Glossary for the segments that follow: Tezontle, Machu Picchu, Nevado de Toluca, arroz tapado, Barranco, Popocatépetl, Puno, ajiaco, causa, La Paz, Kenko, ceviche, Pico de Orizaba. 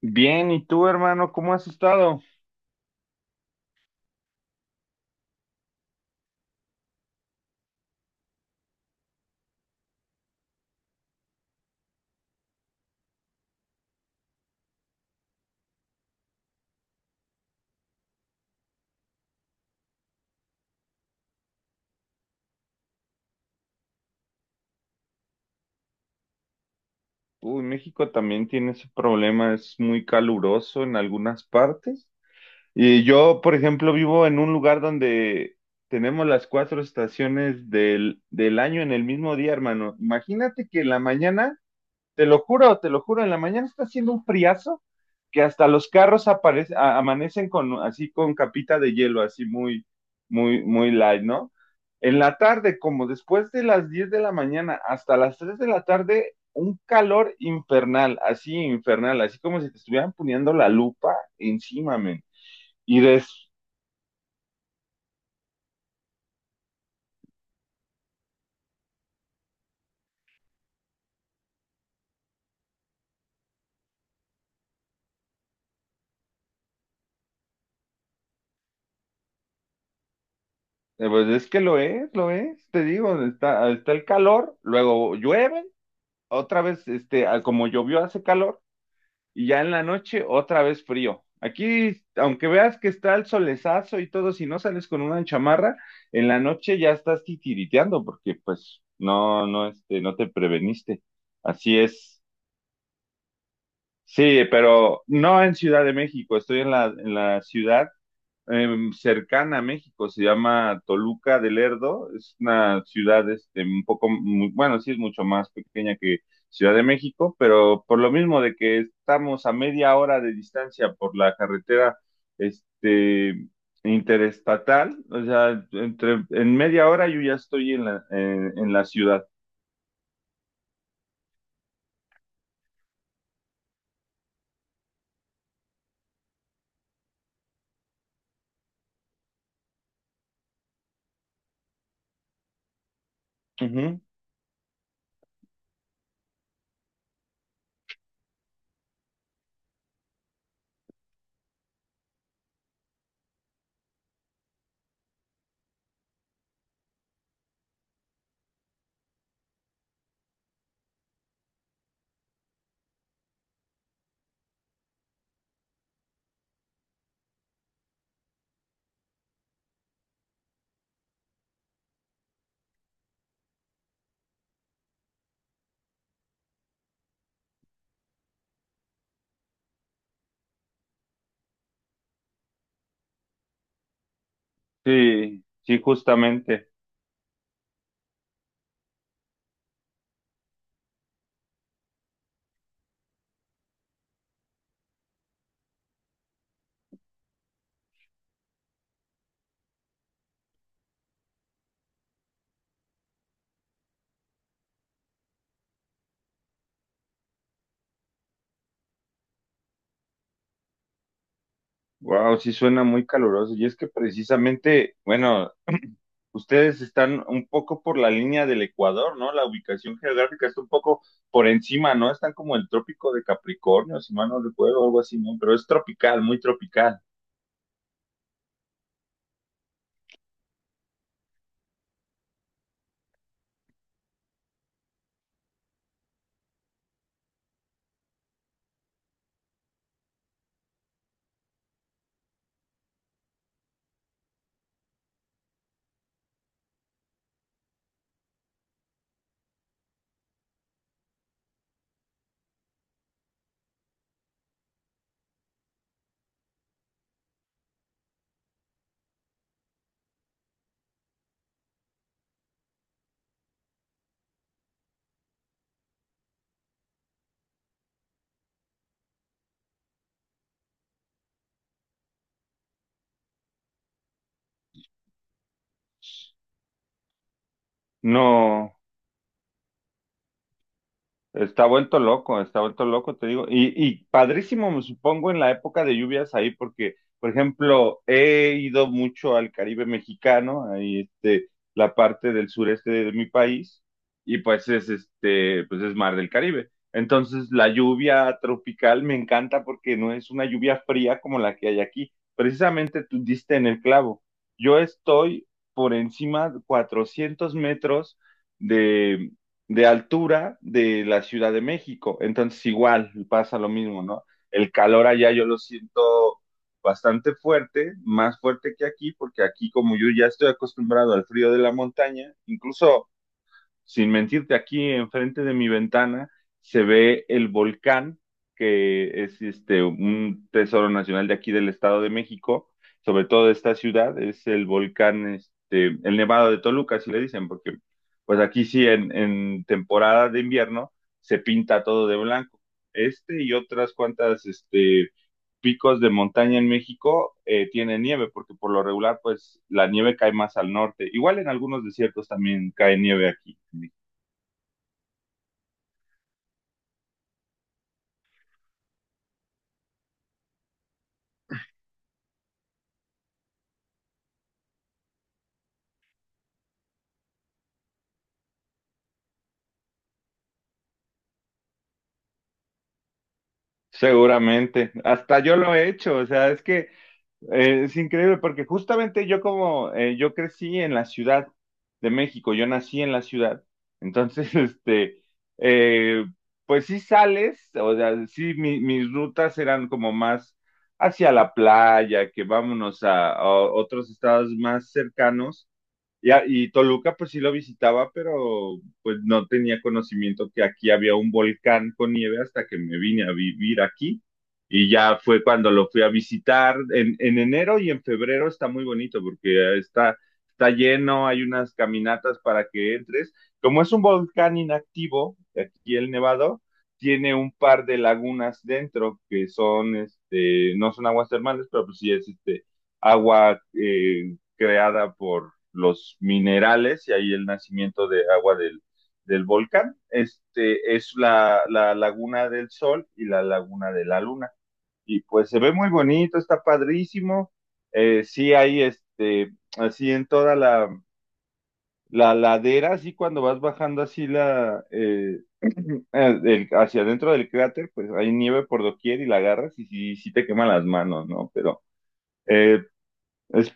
Bien, ¿y tú, hermano, cómo has estado? Uy, México también tiene ese problema, es muy caluroso en algunas partes. Y yo, por ejemplo, vivo en un lugar donde tenemos las cuatro estaciones del año en el mismo día, hermano. Imagínate que en la mañana. Te lo juro, en la mañana está haciendo un friazo que hasta los carros aparecen, amanecen con así con capita de hielo, así muy, muy, muy light, ¿no? En la tarde, como después de las 10 de la mañana hasta las 3 de la tarde, un calor infernal, así como si te estuvieran poniendo la lupa encima, men. Y des, pues es que lo es, te digo, está el calor, luego llueve, otra vez, este, como llovió hace calor, y ya en la noche otra vez frío. Aquí, aunque veas que está el solezazo y todo, si no sales con una chamarra, en la noche ya estás titiriteando porque pues no, no, este, no te preveniste. Así es. Sí, pero no en Ciudad de México, estoy en la ciudad, cercana a México. Se llama Toluca del Lerdo. Es una ciudad este, un poco, bueno, sí es mucho más pequeña que Ciudad de México, pero por lo mismo de que estamos a media hora de distancia por la carretera, este, interestatal. O sea, entre, en media hora yo ya estoy en la ciudad. Ujú. Sí, sí, justamente. Wow, sí suena muy caluroso. Y es que precisamente, bueno, ustedes están un poco por la línea del Ecuador, ¿no? La ubicación geográfica está un poco por encima, ¿no? Están como el trópico de Capricornio, si mal no recuerdo, algo así, ¿no? Pero es tropical, muy tropical. No, está vuelto loco, está vuelto loco, te digo. Y padrísimo, me supongo, en la época de lluvias ahí, porque, por ejemplo, he ido mucho al Caribe mexicano, ahí este, la parte del sureste de mi país, y pues es este, pues es mar del Caribe. Entonces, la lluvia tropical me encanta porque no es una lluvia fría como la que hay aquí. Precisamente tú diste en el clavo. Yo estoy por encima de 400 metros de altura de la Ciudad de México. Entonces igual pasa lo mismo, ¿no? El calor allá yo lo siento bastante fuerte, más fuerte que aquí, porque aquí como yo ya estoy acostumbrado al frío de la montaña. Incluso sin mentirte, aquí enfrente de mi ventana se ve el volcán, que es este, un tesoro nacional de aquí del Estado de México, sobre todo de esta ciudad. Es el volcán, este, el Nevado de Toluca, así le dicen, porque pues aquí sí, en temporada de invierno se pinta todo de blanco. Este y otras cuantas, este, picos de montaña en México tienen nieve, porque por lo regular, pues la nieve cae más al norte. Igual en algunos desiertos también cae nieve aquí. Seguramente, hasta yo lo he hecho. O sea, es que es increíble porque justamente yo como yo crecí en la Ciudad de México, yo nací en la ciudad, entonces, este, eh, pues sí sales. O sea, sí mis rutas eran como más hacia la playa, que vámonos a otros estados más cercanos, y, y Toluca pues sí lo visitaba, pero pues no tenía conocimiento que aquí había un volcán con nieve hasta que me vine a vivir aquí. Y ya fue cuando lo fui a visitar. En enero y en febrero está muy bonito porque está lleno, hay unas caminatas para que entres. Como es un volcán inactivo, aquí el Nevado, tiene un par de lagunas dentro que son, este, no son aguas termales, pero pues sí es este agua creada por los minerales y ahí el nacimiento de agua del volcán. Este es la laguna del sol y la laguna de la luna. Y pues se ve muy bonito, está padrísimo. Sí hay este, así en toda la ladera, así cuando vas bajando así la, el, hacia adentro del cráter, pues hay nieve por doquier y la agarras y sí, sí te queman las manos, ¿no? Pero eh, es,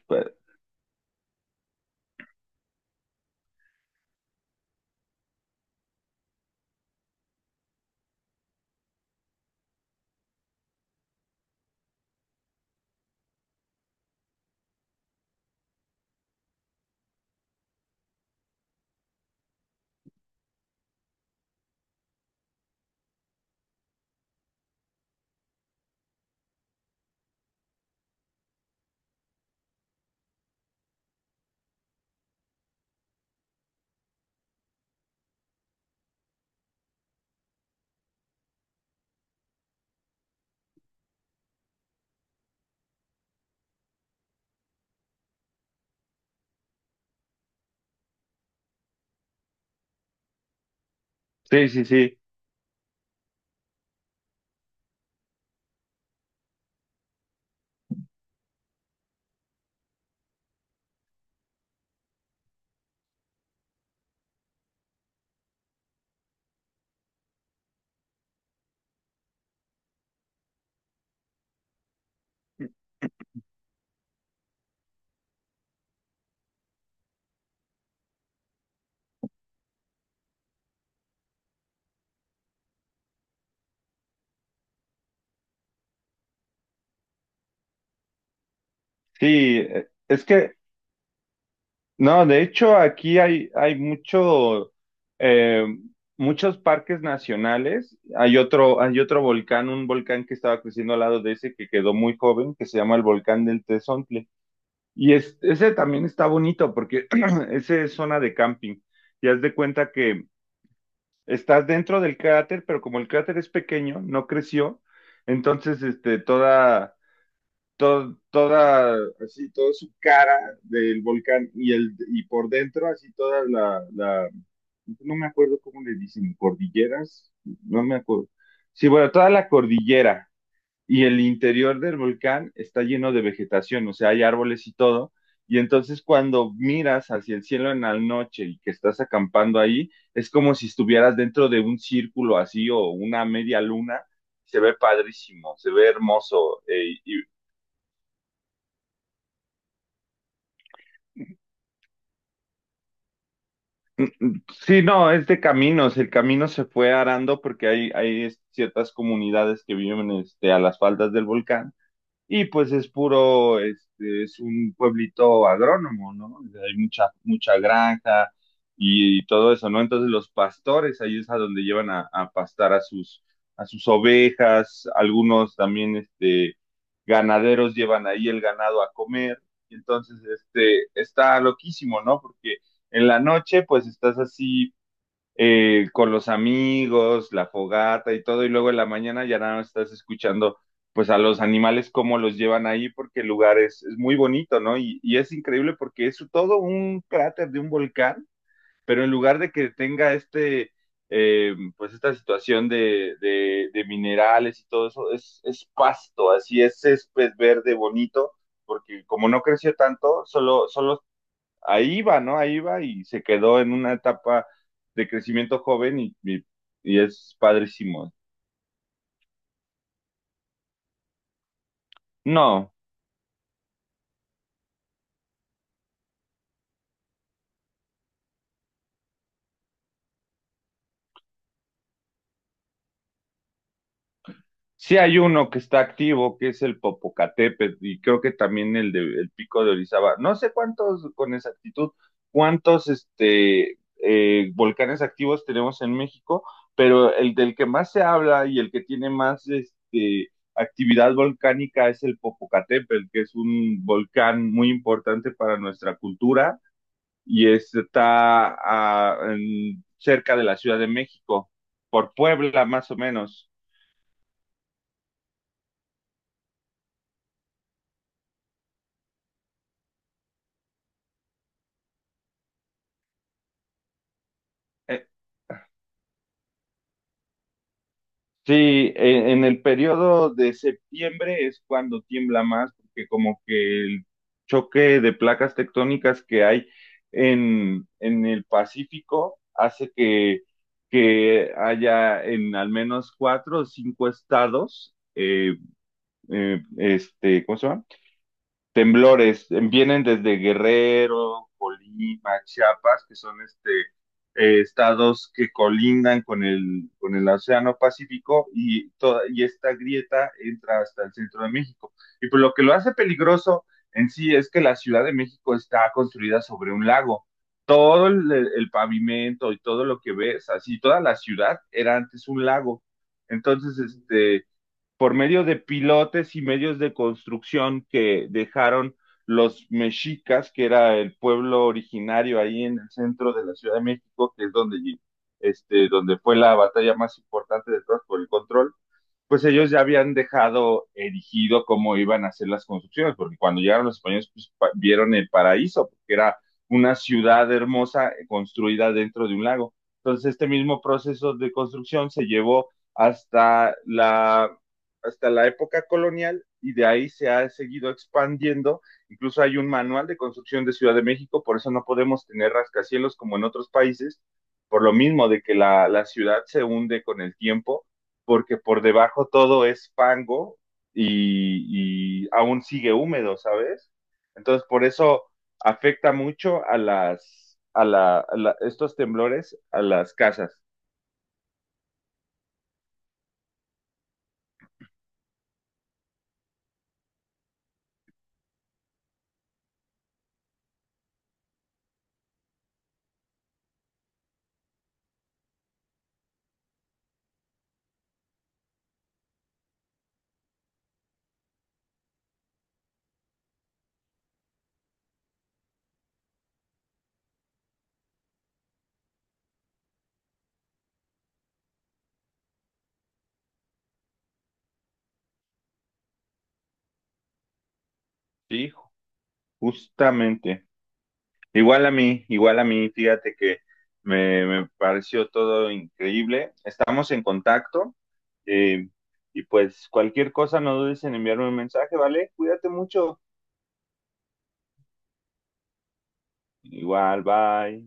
sí, sí, sí. Sí, no, de hecho aquí hay mucho, eh, muchos parques nacionales. Hay otro volcán, un volcán que estaba creciendo al lado de ese que quedó muy joven, que se llama el volcán del Tezontle. Y ese también está bonito porque ese es zona de camping. Y haz de cuenta que estás dentro del cráter, pero como el cráter es pequeño, no creció, entonces este, todo, toda, así, toda su cara del volcán y, el, y por dentro, así toda no me acuerdo cómo le dicen, cordilleras, no me acuerdo. Sí, bueno, toda la cordillera y el interior del volcán está lleno de vegetación, o sea, hay árboles y todo. Y entonces cuando miras hacia el cielo en la noche y que estás acampando ahí, es como si estuvieras dentro de un círculo así o una media luna. Se ve padrísimo, se ve hermoso sí, no, es de caminos. El camino se fue arando porque hay ciertas comunidades que viven este, a las faldas del volcán. Y pues es puro, este, es un pueblito agrónomo, ¿no? O sea, hay mucha, mucha granja y todo eso, ¿no? Entonces los pastores, ahí es a donde llevan a pastar a sus ovejas. Algunos también, este, ganaderos llevan ahí el ganado a comer. Entonces, este, está loquísimo, ¿no? Porque en la noche, pues estás así con los amigos, la fogata y todo, y luego en la mañana ya nada más estás escuchando pues a los animales cómo los llevan ahí, porque el lugar es muy bonito, ¿no? Y es increíble porque es todo un cráter de un volcán, pero en lugar de que tenga este, pues esta situación minerales y todo eso, es pasto, así es césped verde bonito, porque como no creció tanto, solo ahí va, ¿no? Ahí va y se quedó en una etapa de crecimiento joven y es padrísimo. No, sí hay uno que está activo, que es el Popocatépetl, y creo que también el de el Pico de Orizaba. No sé cuántos, con exactitud, cuántos este, volcanes activos tenemos en México, pero el del que más se habla y el que tiene más este, actividad volcánica es el Popocatépetl, que es un volcán muy importante para nuestra cultura y está cerca de la Ciudad de México, por Puebla más o menos. Eh, sí, en el periodo de septiembre es cuando tiembla más, porque como que el choque de placas tectónicas que hay en el Pacífico hace que haya en al menos cuatro o cinco estados, este, ¿cómo se llama? Temblores, vienen desde Guerrero, Colima, Chiapas, que son este, estados que colindan con el Océano Pacífico y, toda, y esta grieta entra hasta el centro de México. Y pues lo que lo hace peligroso en sí es que la Ciudad de México está construida sobre un lago. Todo el pavimento y todo lo que ves, así toda la ciudad era antes un lago. Entonces, este, por medio de pilotes y medios de construcción que dejaron los mexicas, que era el pueblo originario ahí en el centro de la Ciudad de México, que es donde, este, donde fue la batalla más importante de todas por el control, pues ellos ya habían dejado erigido cómo iban a hacer las construcciones, porque cuando llegaron los españoles pues vieron el paraíso, porque era una ciudad hermosa construida dentro de un lago. Entonces este mismo proceso de construcción se llevó hasta la hasta la época colonial, y de ahí se ha seguido expandiendo. Incluso hay un manual de construcción de Ciudad de México, por eso no podemos tener rascacielos como en otros países, por lo mismo de que la ciudad se hunde con el tiempo, porque por debajo todo es fango y aún sigue húmedo, ¿sabes? Entonces, por eso afecta mucho a las, a la, estos temblores a las casas. ¿Sí? Justamente. Igual a mí, fíjate que me pareció todo increíble. Estamos en contacto, eh, y pues cualquier cosa no dudes en enviarme un mensaje, ¿vale? Cuídate mucho. Igual, bye.